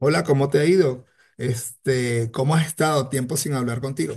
Hola, ¿cómo te ha ido? Este, ¿cómo has estado? Tiempo sin hablar contigo.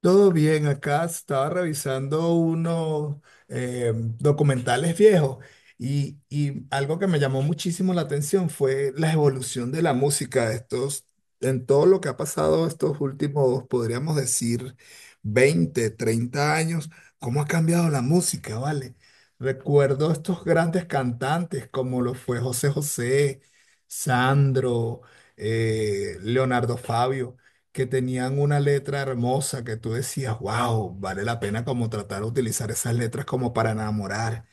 Todo bien, acá estaba revisando unos eh, documentales viejos y algo que me llamó muchísimo la atención fue la evolución de la música estos, en todo lo que ha pasado estos últimos, podríamos decir, 20 30 años, cómo ha cambiado la música, ¿vale? Recuerdo estos grandes cantantes como lo fue José José, Sandro, Leonardo Fabio que tenían una letra hermosa que tú decías, wow, vale la pena como tratar de utilizar esas letras como para enamorar.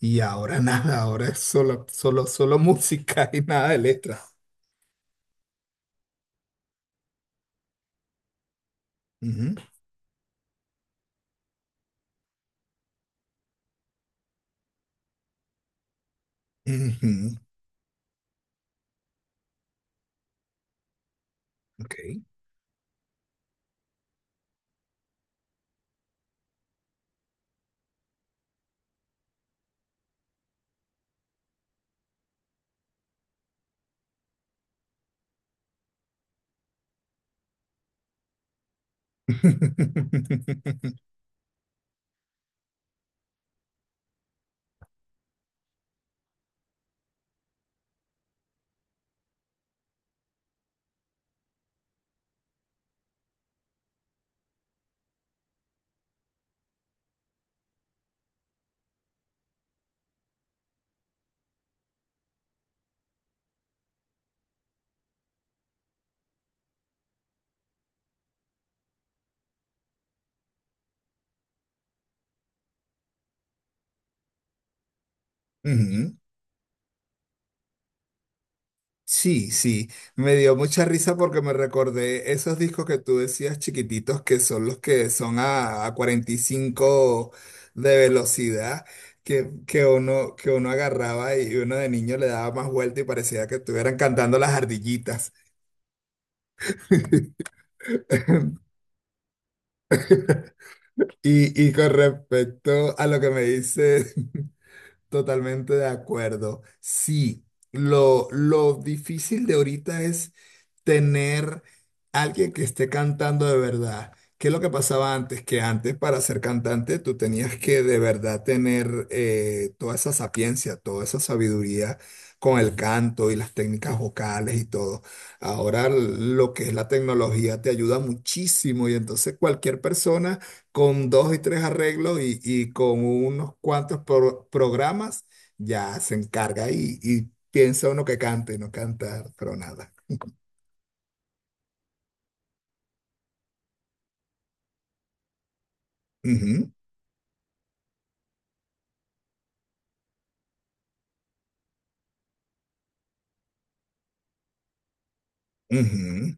Y ahora nada, ahora es solo música y nada de letras. Ujú. Ujú. Ok. Ujú. Sí, sí, me dio mucha risa porque me recordé esos discos que tú decías chiquititos que son los que son a 45 de velocidad que uno agarraba y uno de niño le daba más vuelta y parecía que estuvieran cantando las ardillitas. Y con respecto a lo que me dice, totalmente de acuerdo. Sí, lo difícil de ahorita es tener alguien que esté cantando de verdad. ¿Qué es lo que pasaba antes? Que antes para ser cantante tú tenías que de verdad tener toda esa sapiencia, toda esa sabiduría con el canto y las técnicas vocales y todo. Ahora lo que es la tecnología te ayuda muchísimo y entonces cualquier persona con dos y tres arreglos y con unos cuantos programas ya se encarga y piensa uno que cante y no canta, pero nada. Ujú. Ujú.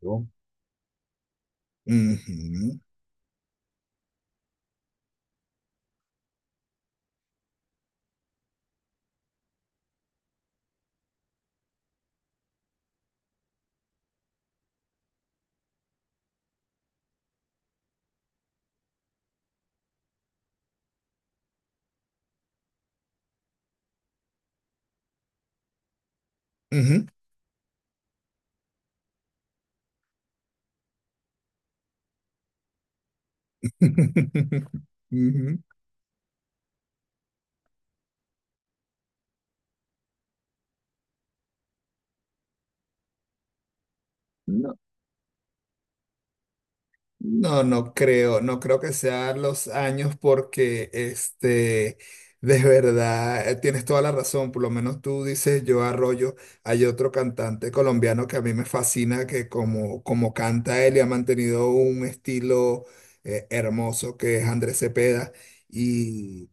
¿No? Ujú. Ujú. Ujú. No, no, no creo que sean los años porque este, de verdad, tienes toda la razón, por lo menos tú dices yo Arroyo, hay otro cantante colombiano que a mí me fascina, que como canta él y ha mantenido un estilo hermoso, que es Andrés Cepeda, y,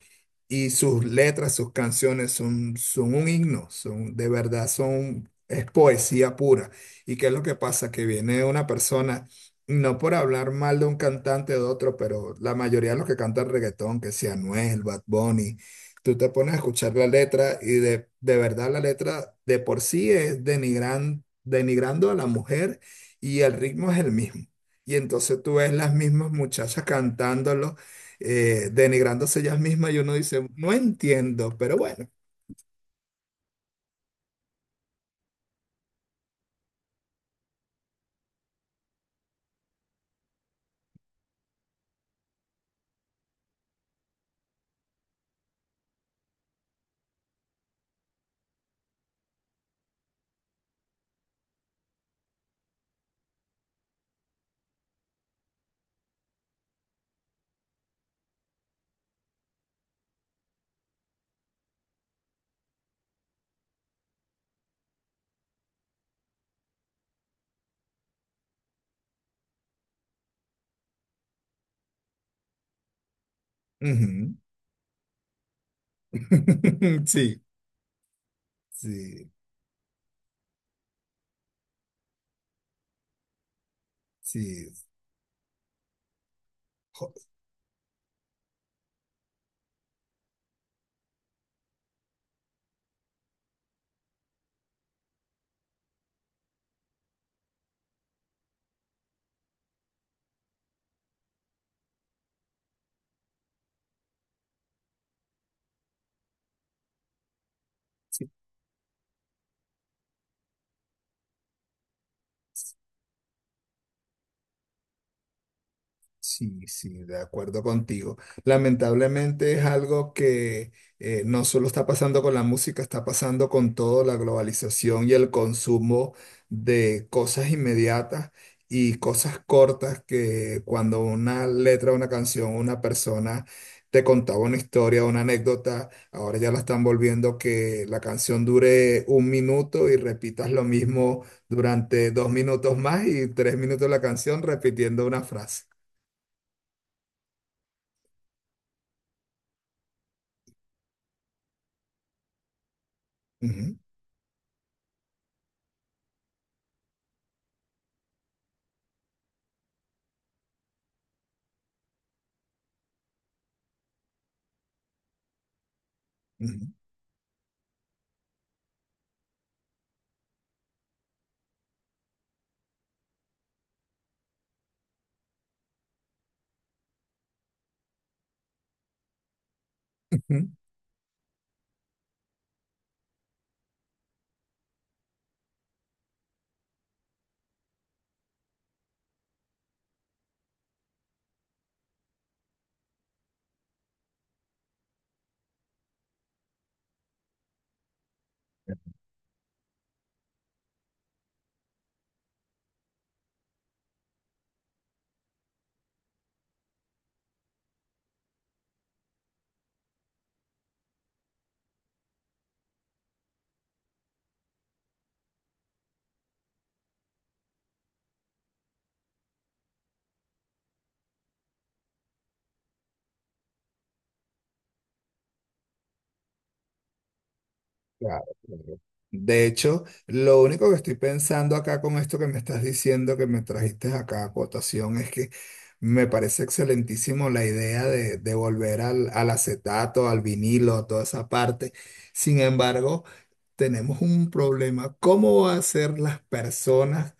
y sus letras, sus canciones son un himno, son, de verdad son, es poesía pura. ¿Y qué es lo que pasa? Que viene una persona no por hablar mal de un cantante o de otro, pero la mayoría de los que cantan reggaetón, que sea Anuel, Bad Bunny, tú te pones a escuchar la letra y de verdad la letra de por sí es denigrando a la mujer y el ritmo es el mismo. Y entonces tú ves las mismas muchachas cantándolo, denigrándose ellas mismas y uno dice, no entiendo, pero bueno. Ujú. Sí, sí, sí. Jo- Sí, sí, de acuerdo contigo. Lamentablemente es algo que no solo está pasando con la música, está pasando con toda la globalización y el consumo de cosas inmediatas y cosas cortas que cuando una letra, una canción, una persona te contaba una historia, una anécdota, ahora ya la están volviendo que la canción dure 1 minuto y repitas lo mismo durante 2 minutos más y 3 minutos la canción repitiendo una frase. Ujú. Ujú. Ujú. Claro, claro. De hecho, lo único que estoy pensando acá con esto que me estás diciendo, que me trajiste acá a cotación, es que me parece excelentísimo la idea de volver al acetato, al vinilo, a toda esa parte. Sin embargo, tenemos un problema. ¿Cómo va a ser las personas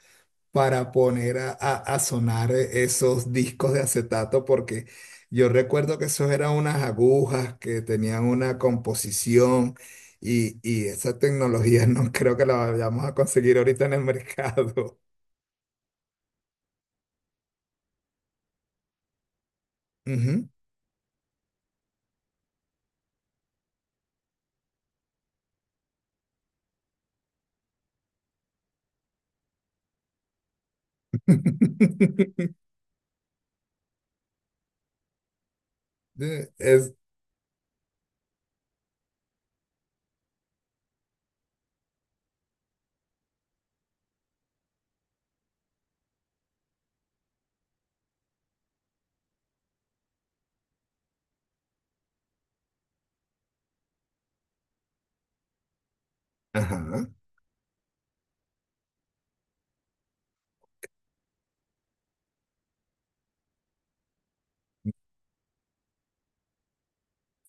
para poner a sonar esos discos de acetato, porque yo recuerdo que esos eran unas agujas que tenían una composición y esa tecnología no creo que la vayamos a conseguir ahorita en el mercado? Ujú. Eh, Es, ajá,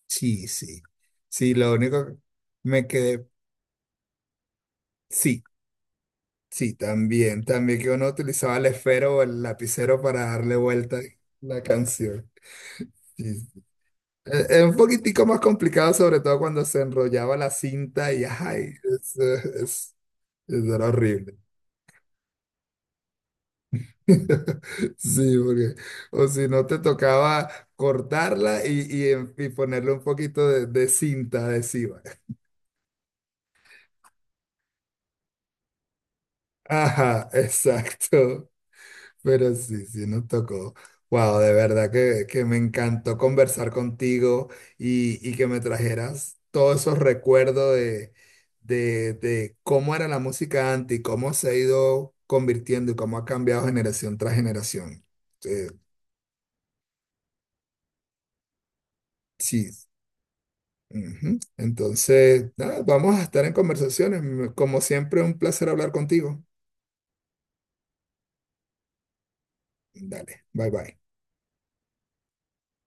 sí, sí. Sí, lo único que me quedé, sí, sí, también, que uno utilizaba el esfero o el lapicero para darle vuelta a la canción. Sí, sí. Es un poquitico más complicado, sobre todo cuando se enrollaba la cinta y ay, es, es- es- era horrible. Sí, porque, o si no te tocaba cortarla y ponerle un poquito de cinta adhesiva. Ajá, exacto. Pero sí, sí, nos tocó. Wow, de verdad que me encantó conversar contigo y que me trajeras todos esos recuerdos de cómo era la música antes y cómo se ha ido convirtiendo y cómo ha cambiado generación tras generación. Eh, sí. Ujú. Entonces, nada, vamos a estar en conversaciones. Como siempre, un placer hablar contigo. Dale, bye bye.